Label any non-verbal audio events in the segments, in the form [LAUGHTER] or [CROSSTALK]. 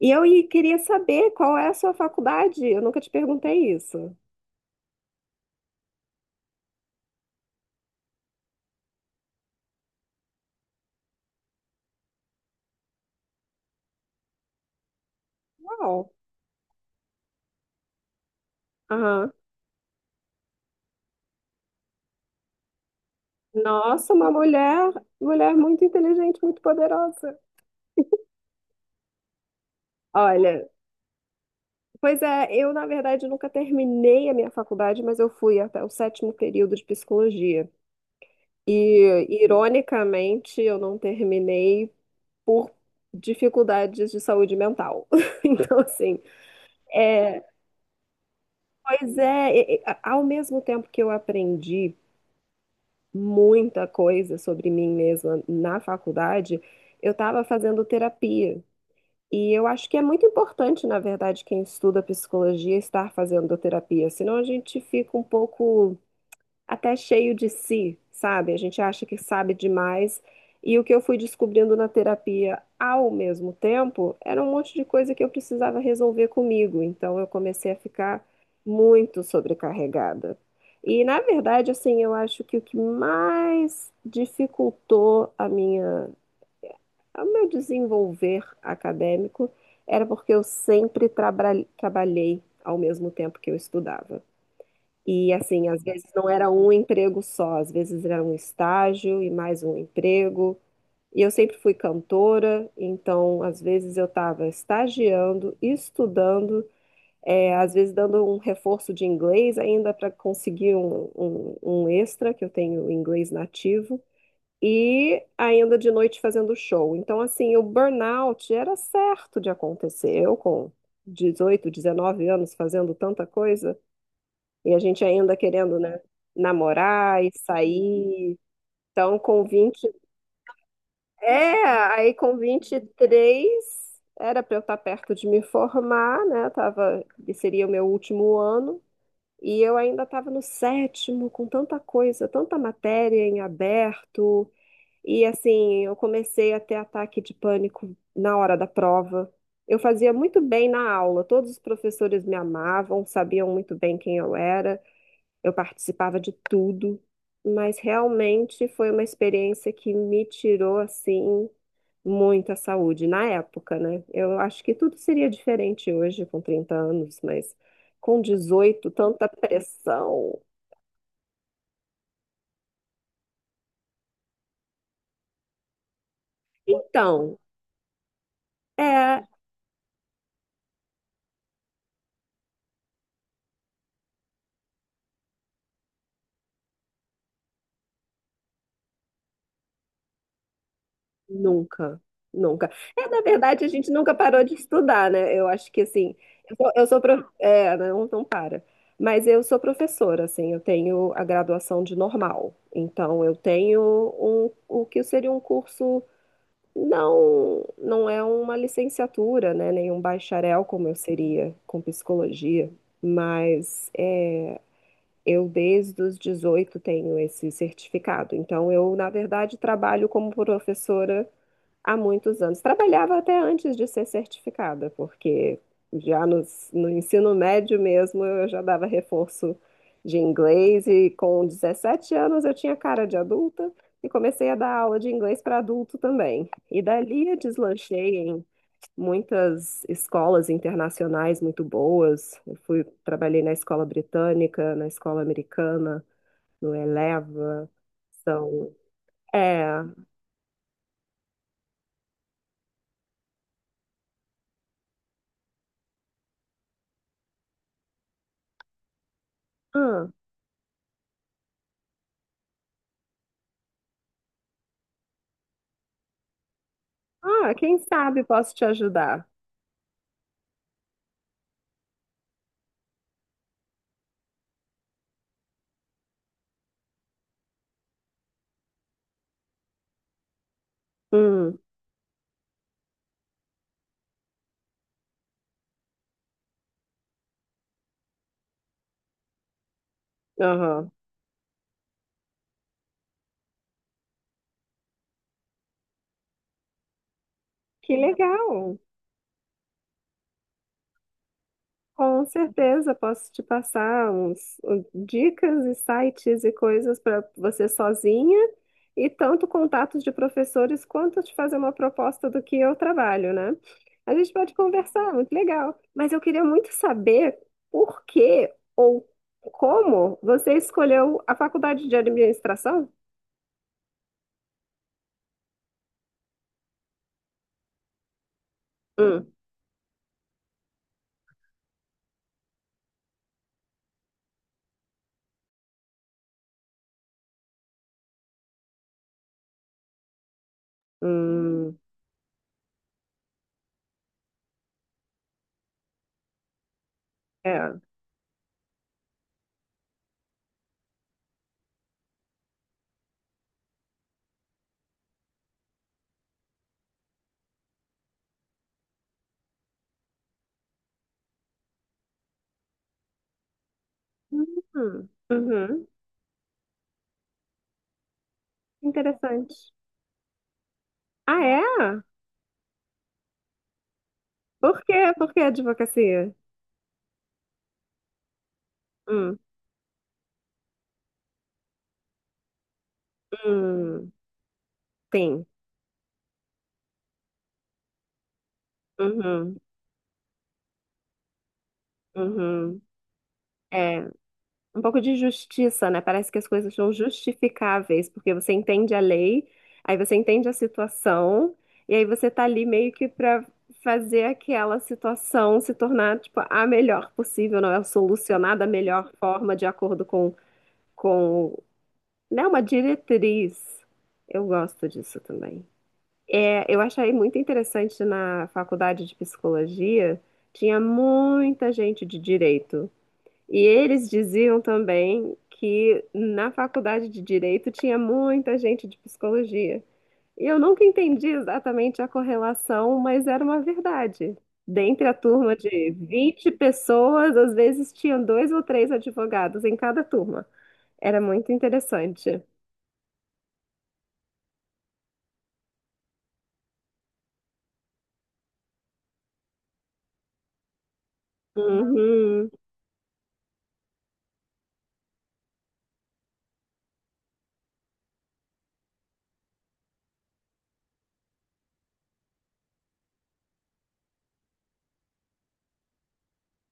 E eu queria saber qual é a sua faculdade. Eu nunca te perguntei isso. Uau! Aham. Nossa, uma mulher, mulher muito inteligente, muito poderosa. Olha, pois é, eu na verdade nunca terminei a minha faculdade, mas eu fui até o sétimo período de psicologia. E ironicamente, eu não terminei por dificuldades de saúde mental. [LAUGHS] Então, assim, é, pois é, ao mesmo tempo que eu aprendi muita coisa sobre mim mesma na faculdade, eu estava fazendo terapia. E eu acho que é muito importante, na verdade, quem estuda psicologia estar fazendo terapia, senão a gente fica um pouco até cheio de si, sabe? A gente acha que sabe demais. E o que eu fui descobrindo na terapia ao mesmo tempo era um monte de coisa que eu precisava resolver comigo. Então eu comecei a ficar muito sobrecarregada. E na verdade, assim, eu acho que o que mais dificultou a minha, o meu desenvolver acadêmico era porque eu sempre trabalhei ao mesmo tempo que eu estudava. E assim, às vezes não era um emprego só, às vezes era um estágio e mais um emprego. E eu sempre fui cantora, então às vezes eu estava estagiando, estudando, às vezes dando um reforço de inglês ainda para conseguir um extra, que eu tenho inglês nativo, e ainda de noite fazendo show. Então, assim, o burnout era certo de acontecer. Eu com 18, 19 anos fazendo tanta coisa. E a gente ainda querendo, né, namorar e sair. Então, com 20. É, aí com 23 era para eu estar perto de me formar, né? Tava, seria o meu último ano. E eu ainda estava no sétimo, com tanta coisa, tanta matéria em aberto. E assim, eu comecei a ter ataque de pânico na hora da prova. Eu fazia muito bem na aula, todos os professores me amavam, sabiam muito bem quem eu era, eu participava de tudo, mas realmente foi uma experiência que me tirou assim muita saúde na época, né? Eu acho que tudo seria diferente hoje com 30 anos, mas com 18, tanta pressão. Então, é. Nunca, nunca. É, na verdade, a gente nunca parou de estudar, né? Eu acho que assim, é, né? Não, não para. Mas eu sou professora, assim, eu tenho a graduação de normal. Então, eu tenho um, o que seria um curso, não, não é uma licenciatura, né? Nem um bacharel, como eu seria com psicologia. Mas é, eu, desde os 18, tenho esse certificado. Então, eu, na verdade, trabalho como professora há muitos anos. Trabalhava até antes de ser certificada, porque já no, no ensino médio mesmo eu já dava reforço de inglês e com 17 anos eu tinha cara de adulta e comecei a dar aula de inglês para adulto também. E dali eu deslanchei em muitas escolas internacionais muito boas. Eu fui, trabalhei na escola britânica, na escola americana, no Eleva. São, é, ah, Ah, quem sabe posso te ajudar. Hum, aham. Que legal! Com certeza posso te passar dicas e sites e coisas para você sozinha e tanto contatos de professores quanto te fazer uma proposta do que eu trabalho, né? A gente pode conversar, muito legal. Mas eu queria muito saber por que ou como você escolheu a faculdade de administração? Hum, hum, é. Uhum. Interessante. Ah, é? Por quê? Por que advocacia? Hum, hum, tem. Uhum, uhum. É, um pouco de justiça, né? Parece que as coisas são justificáveis, porque você entende a lei, aí você entende a situação, e aí você tá ali meio que pra fazer aquela situação se tornar, tipo, a melhor possível, não é? Solucionar da melhor forma, de acordo com, né? Uma diretriz. Eu gosto disso também. É, eu achei muito interessante na faculdade de psicologia, tinha muita gente de direito. E eles diziam também que na faculdade de direito tinha muita gente de psicologia. E eu nunca entendi exatamente a correlação, mas era uma verdade. Dentre a turma de 20 pessoas, às vezes tinham dois ou três advogados em cada turma. Era muito interessante. Uhum,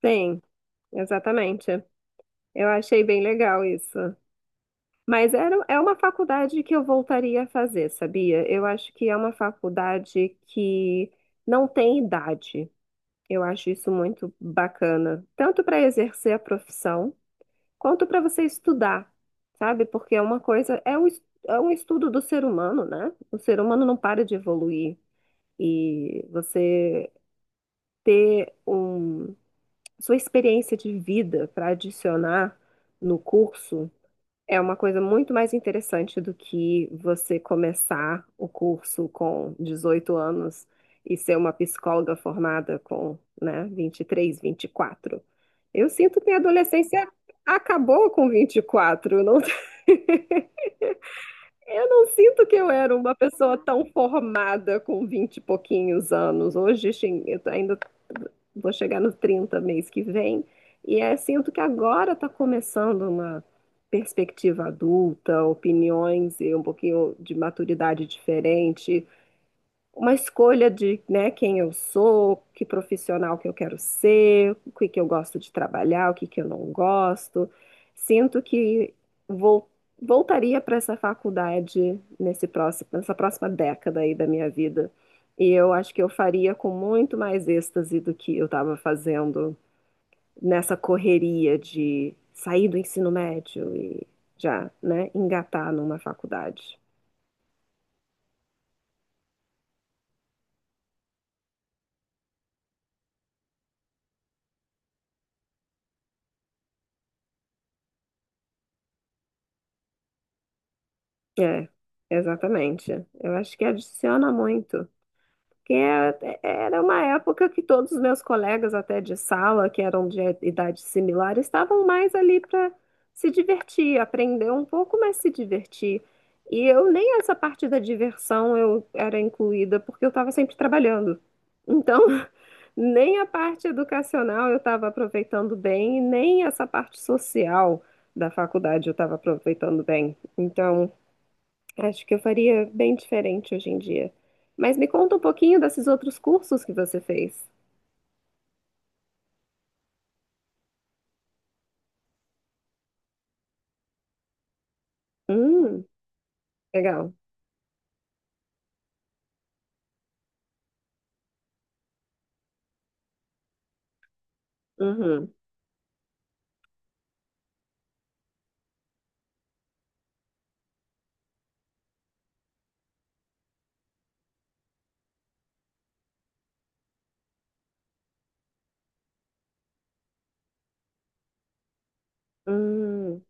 tem, exatamente. Eu achei bem legal isso. Mas era, é uma faculdade que eu voltaria a fazer, sabia? Eu acho que é uma faculdade que não tem idade. Eu acho isso muito bacana, tanto para exercer a profissão, quanto para você estudar, sabe? Porque é uma coisa, é um estudo do ser humano, né? O ser humano não para de evoluir. E você ter um, sua experiência de vida para adicionar no curso. É uma coisa muito mais interessante do que você começar o curso com 18 anos e ser uma psicóloga formada com, né, 23, 24. Eu sinto que minha adolescência acabou com 24, eu não, eu não sinto que eu era uma pessoa tão formada com 20 e pouquinhos anos. Hoje, ainda vou chegar nos 30 mês que vem. E é, sinto que agora está começando uma perspectiva adulta, opiniões e um pouquinho de maturidade diferente, uma escolha de, né, quem eu sou, que profissional que eu quero ser, o que que eu gosto de trabalhar, o que que eu não gosto. Sinto que vou, voltaria para essa faculdade nesse próximo, nessa próxima década aí da minha vida. E eu acho que eu faria com muito mais êxtase do que eu estava fazendo nessa correria de sair do ensino médio e já, né, engatar numa faculdade. É, exatamente. Eu acho que adiciona muito. Porque é- Era uma época que todos os meus colegas, até de sala, que eram de idade similar, estavam mais ali para se divertir, aprender um pouco, mas se divertir. E eu nem essa parte da diversão eu era incluída, porque eu estava sempre trabalhando. Então, [LAUGHS] nem a parte educacional eu estava aproveitando bem, e nem essa parte social da faculdade eu estava aproveitando bem. Então. Acho que eu faria bem diferente hoje em dia. Mas me conta um pouquinho desses outros cursos que você fez. Hum, legal. Uhum. Hum,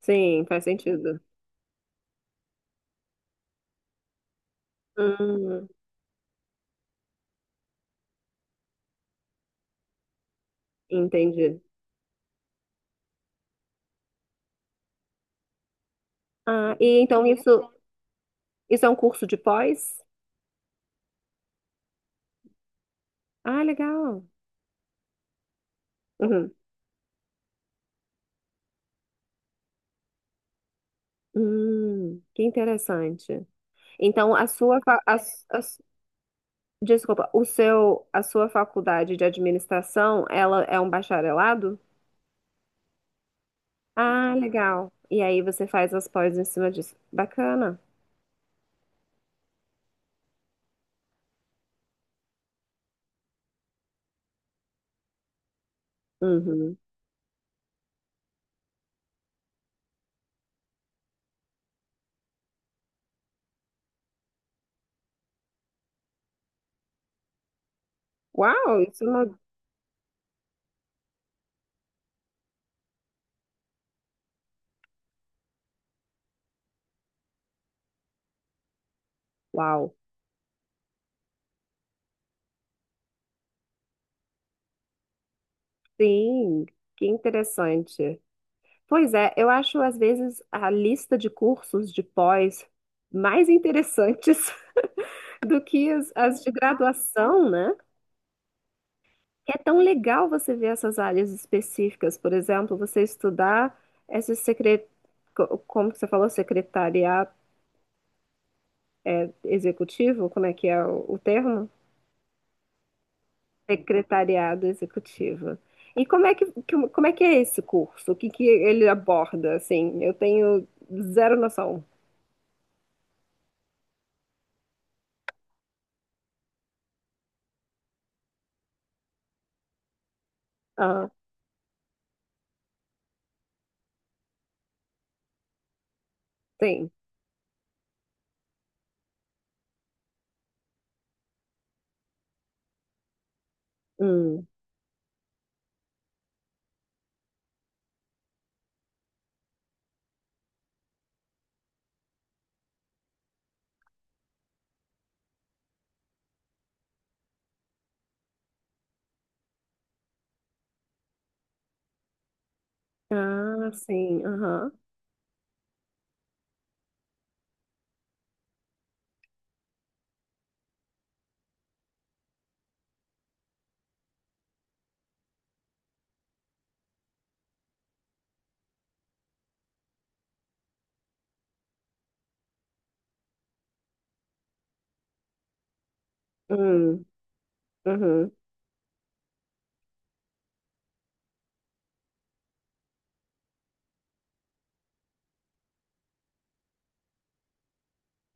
sim, faz sentido. Hum, entendi. Ah, e então isso é um curso de pós? Ah, legal. Uhum. Que interessante. Então, a sua, fa- a s- desculpa, o seu, a sua faculdade de administração, ela é um bacharelado? Ah, legal. E aí você faz as pós em cima disso. Bacana. Uhum. Uau, isso não... Uau. Sim, que interessante. Pois é, eu acho às vezes a lista de cursos de pós mais interessantes [LAUGHS] do que as de graduação, né? É tão legal você ver essas áreas específicas. Por exemplo, você estudar esse como que você falou? Secretariado executivo? Como é que é o termo? Secretariado executivo. E como é que, como é que é esse curso? O que que ele aborda, assim? Eu tenho zero noção. Ah, tem. Hum. Ah, sim. Aham. Hum. Uhum.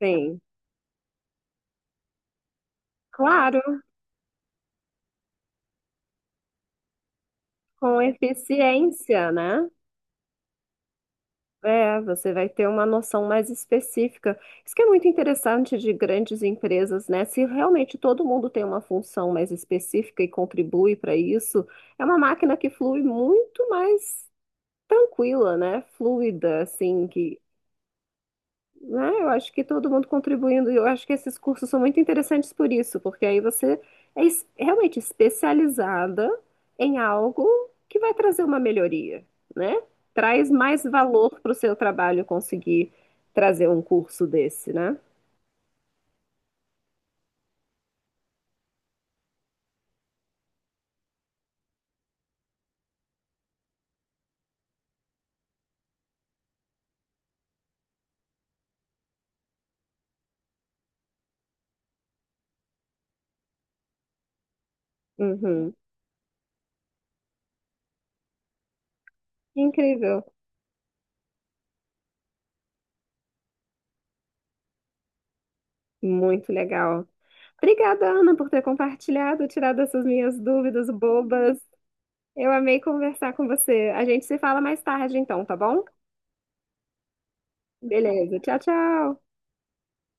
Sim. Claro, com eficiência, né? É, você vai ter uma noção mais específica. Isso que é muito interessante de grandes empresas, né? Se realmente todo mundo tem uma função mais específica e contribui para isso, é uma máquina que flui muito mais tranquila, né? Fluida, assim, que, né? Eu acho que todo mundo contribuindo, e eu acho que esses cursos são muito interessantes por isso, porque aí você realmente especializada em algo que vai trazer uma melhoria, né? Traz mais valor para o seu trabalho conseguir trazer um curso desse, né? Uhum. Incrível, muito legal. Obrigada, Ana, por ter compartilhado, tirado essas minhas dúvidas bobas. Eu amei conversar com você. A gente se fala mais tarde, então, tá bom? Beleza. Tchau, tchau.